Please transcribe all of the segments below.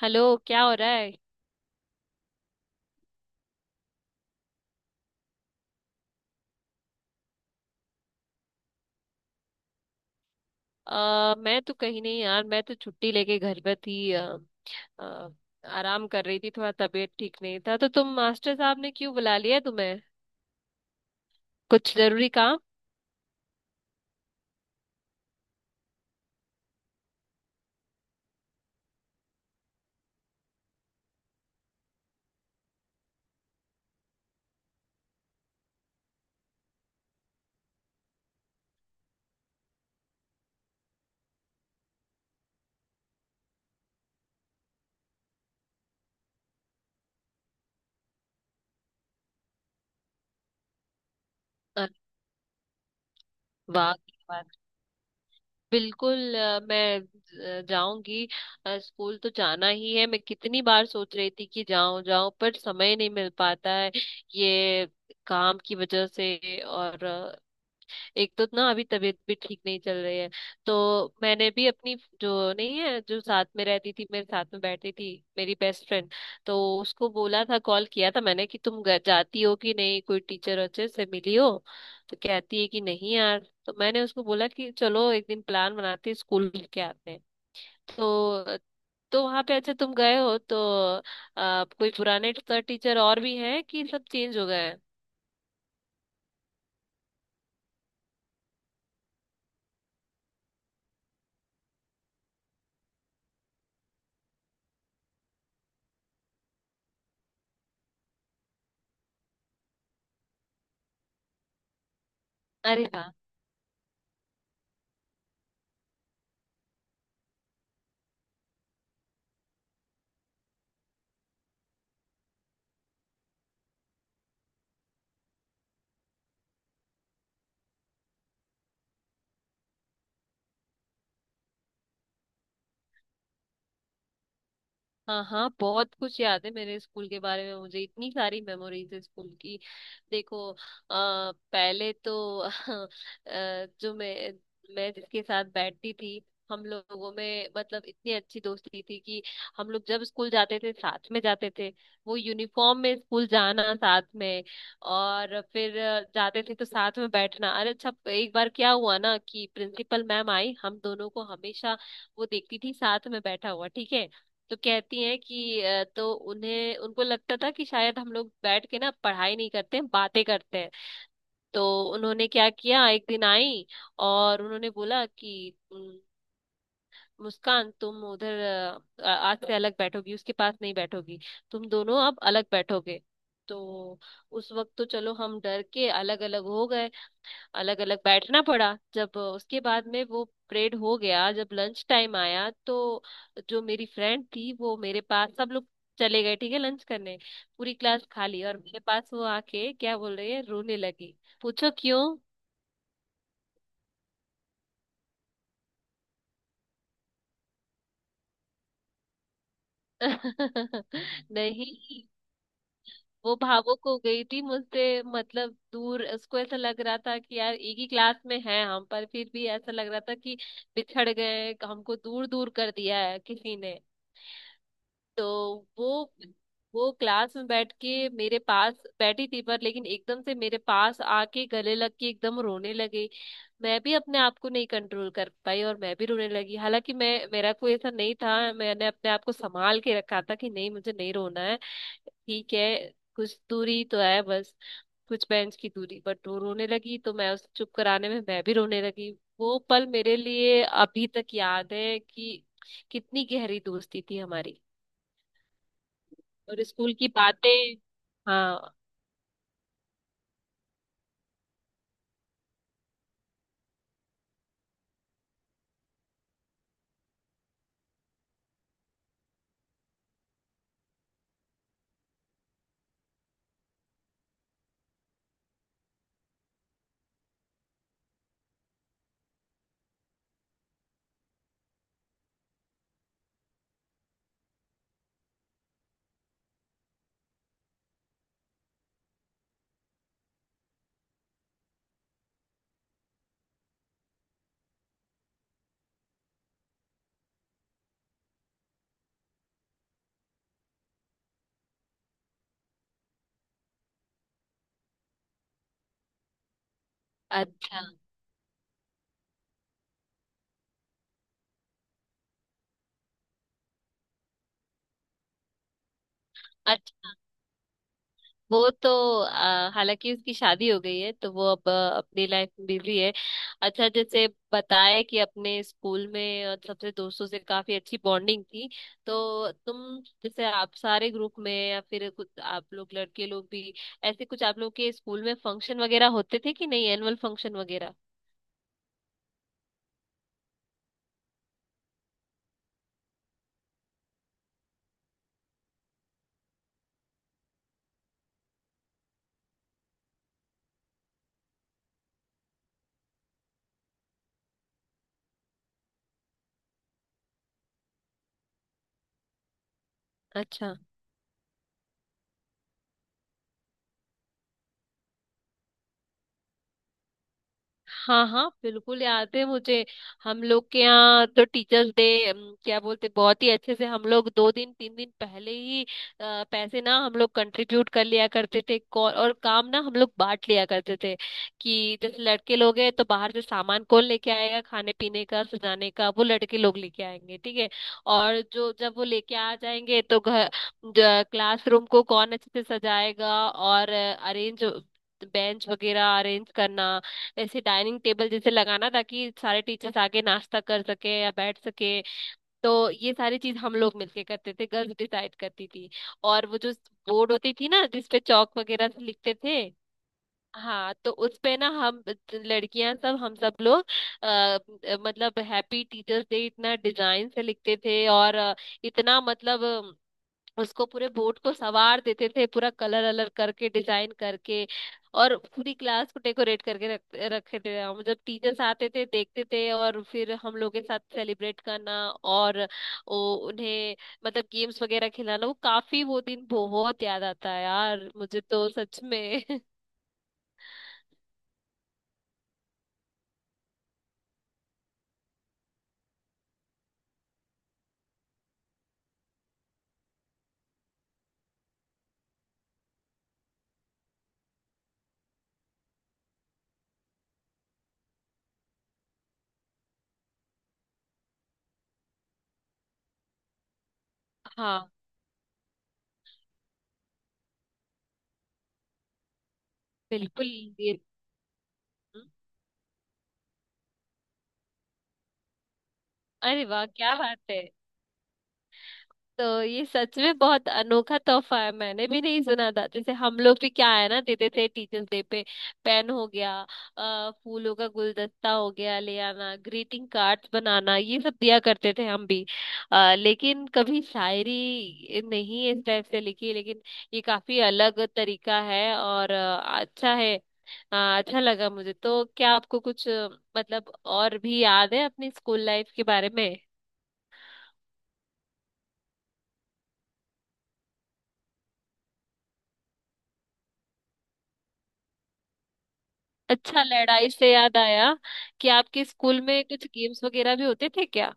Hello, क्या हो रहा है? मैं तो कहीं नहीं यार। मैं तो छुट्टी लेके घर पे थी। अ, आराम कर रही थी, थोड़ा तबीयत ठीक नहीं था। तो तुम, मास्टर साहब ने क्यों बुला लिया तुम्हें? कुछ जरूरी काम? अ, वाह क्या बात। बिल्कुल। जाऊंगी। स्कूल तो जाना ही है। मैं कितनी बार सोच रही थी कि जाऊं जाऊं, पर समय नहीं मिल पाता है ये, काम की वजह से। और एक तो ना, अभी तबीयत भी ठीक नहीं चल रही है। तो मैंने भी अपनी, जो नहीं है, जो साथ में रहती थी मेरे, साथ में बैठती थी, मेरी बेस्ट फ्रेंड, तो उसको बोला था, कॉल किया था मैंने कि तुम घर जाती हो कि नहीं, कोई टीचर अच्छे से मिली हो। तो कहती है कि नहीं यार। तो मैंने उसको बोला कि चलो एक दिन प्लान बनाते हैं, स्कूल के आते हैं। तो तो वहां पे अच्छा, तुम गए हो तो कोई पुराने टीचर और भी हैं कि सब चेंज हो गए हैं? अरे, हाँ हाँ, बहुत कुछ याद है मेरे स्कूल के बारे में। मुझे इतनी सारी मेमोरीज है स्कूल की। देखो, पहले तो जो मैं जिसके साथ बैठती थी, हम लोगों में मतलब इतनी अच्छी दोस्ती थी कि हम लोग जब स्कूल जाते थे साथ में जाते थे, वो यूनिफॉर्म में स्कूल जाना साथ में। और फिर जाते थे तो साथ में बैठना। अरे अच्छा, एक बार क्या हुआ ना कि प्रिंसिपल मैम आई। हम दोनों को हमेशा वो देखती थी साथ में बैठा हुआ, ठीक है? तो कहती हैं कि तो उन्हें, उनको लगता था कि शायद हम लोग बैठ के ना पढ़ाई नहीं करते हैं, बातें करते हैं। तो उन्होंने क्या किया, एक दिन आई और उन्होंने बोला कि " मुस्कान, तुम उधर, आज से अलग बैठोगी, उसके पास नहीं बैठोगी, तुम दोनों अब अलग बैठोगे। तो उस वक्त तो चलो, हम डर के अलग अलग हो गए, अलग अलग बैठना पड़ा। जब उसके बाद में वो परेड हो गया, जब लंच टाइम आया, तो जो मेरी फ्रेंड थी वो मेरे पास, सब लोग चले गए ठीक है लंच करने, पूरी क्लास खाली, और मेरे पास वो आके क्या बोल रही है, रोने लगी। पूछो क्यों। नहीं, वो भावुक हो गई थी मुझसे मतलब दूर। उसको ऐसा लग रहा था कि यार एक ही क्लास में है हम, पर फिर भी ऐसा लग रहा था कि बिछड़ गए, हमको दूर दूर कर दिया है किसी ने। तो वो क्लास में बैठ के मेरे पास बैठी थी पर, लेकिन एकदम से मेरे पास आके गले लग के एकदम रोने लगी। मैं भी अपने आप को नहीं कंट्रोल कर पाई, और मैं भी रोने लगी। हालांकि मैं, मेरा कोई ऐसा नहीं था, मैंने अपने आप को संभाल के रखा था कि नहीं, मुझे नहीं रोना है, ठीक है, कुछ दूरी तो है बस, कुछ बेंच की दूरी। बट वो रोने लगी तो मैं उसे चुप कराने में मैं भी रोने लगी। वो पल मेरे लिए अभी तक याद है कि कितनी गहरी दोस्ती थी हमारी। और स्कूल की बातें, हाँ। अच्छा। अच्छा, वो तो हालांकि उसकी शादी हो गई है तो वो अब अपनी लाइफ में बिजी है। अच्छा, जैसे बताए कि अपने स्कूल में और सबसे, दोस्तों से काफी अच्छी बॉन्डिंग थी तो तुम, जैसे आप सारे ग्रुप में, या फिर कुछ आप लोग, लड़के लोग भी, ऐसे कुछ आप लोग के स्कूल में फंक्शन वगैरह होते थे कि नहीं, एनुअल फंक्शन वगैरह? अच्छा। हाँ हाँ, बिल्कुल याद है मुझे। हम लोग के यहाँ तो टीचर्स डे, क्या बोलते, बहुत ही अच्छे से हम लोग दो दिन तीन दिन पहले ही पैसे ना हम लोग कंट्रीब्यूट कर लिया करते थे, और काम ना हम लोग बांट लिया करते थे कि जैसे लड़के लोग हैं तो बाहर से सामान कौन लेके आएगा, खाने पीने का, सजाने का, वो लड़के लोग लेके आएंगे ठीक है, और जो जब वो लेके आ जाएंगे तो घर, क्लासरूम को कौन अच्छे से सजाएगा, और अरेंज, बेंच वगैरह अरेंज करना, ऐसे डाइनिंग टेबल जैसे लगाना ताकि सारे टीचर्स आके नाश्ता कर सके या बैठ सके। तो ये सारी चीज हम लोग मिलके करते थे, गर्ल्स डिसाइड करती थी। और वो जो बोर्ड होती थी ना, जिसपे चौक वगैरह से लिखते थे, हाँ, तो उस पे ना, हम लड़कियां सब, हम सब लोग मतलब हैप्पी टीचर्स डे इतना डिजाइन से लिखते थे, और इतना मतलब, उसको पूरे बोर्ड को सवार देते थे, पूरा कलर अलर करके, डिजाइन करके, और पूरी क्लास को डेकोरेट करके रख, रखे थे हम। जब टीचर्स आते थे देखते थे, और फिर हम लोग के साथ सेलिब्रेट करना, और वो उन्हें मतलब गेम्स वगैरह खिलाना। वो काफी, वो दिन बहुत याद आता है यार मुझे तो, सच में। हाँ, बिल्कुल। ये, अरे वाह क्या बात है। तो ये सच में बहुत अनोखा तोहफा है, मैंने भी नहीं सुना था। जैसे हम लोग भी क्या है ना, देते थे टीचर्स डे पे, पेन हो गया, फूलों का गुलदस्ता हो गया ले आना, ग्रीटिंग कार्ड्स बनाना, ये सब दिया करते थे हम भी। लेकिन कभी शायरी नहीं इस टाइप से लिखी, लेकिन ये काफी अलग तरीका है। और अच्छा है, अच्छा लगा मुझे तो। क्या आपको कुछ मतलब और भी याद है अपनी स्कूल लाइफ के बारे में? अच्छा, लड़ाई से याद आया कि आपके स्कूल में कुछ गेम्स वगैरह भी होते थे क्या?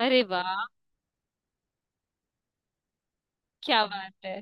अरे वाह, क्या बात है।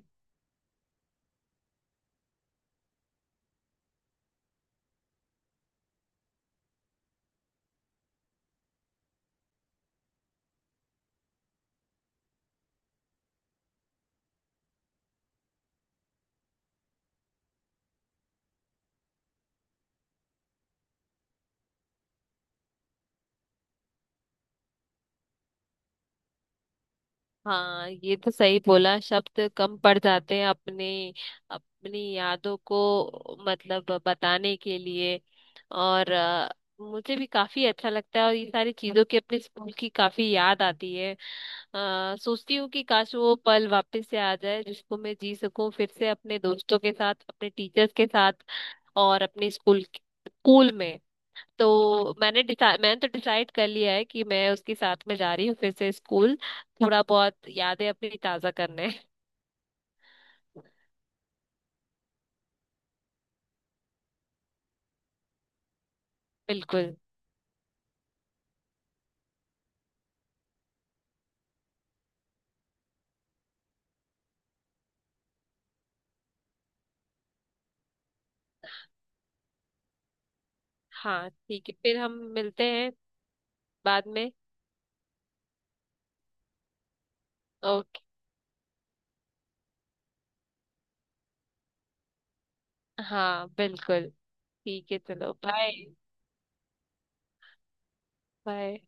हाँ ये तो सही बोला, शब्द कम पड़ जाते हैं अपने, अपनी यादों को मतलब बताने के लिए। और मुझे भी काफी अच्छा लगता है, और ये सारी चीजों की, अपने स्कूल की काफी याद आती है। सोचती हूँ कि काश वो पल वापस से आ जाए जिसको मैं जी सकूं, फिर से अपने दोस्तों के साथ, अपने टीचर्स के साथ, और अपने स्कूल, स्कूल में। तो मैंने डिसाइड, मैंने तो डिसाइड कर लिया है कि मैं उसके साथ में जा रही हूँ फिर से स्कूल, थोड़ा बहुत यादें अपनी ताजा करने। बिल्कुल। हाँ ठीक है, फिर हम मिलते हैं बाद में। ओके। हाँ बिल्कुल, ठीक है चलो बाय। बाय।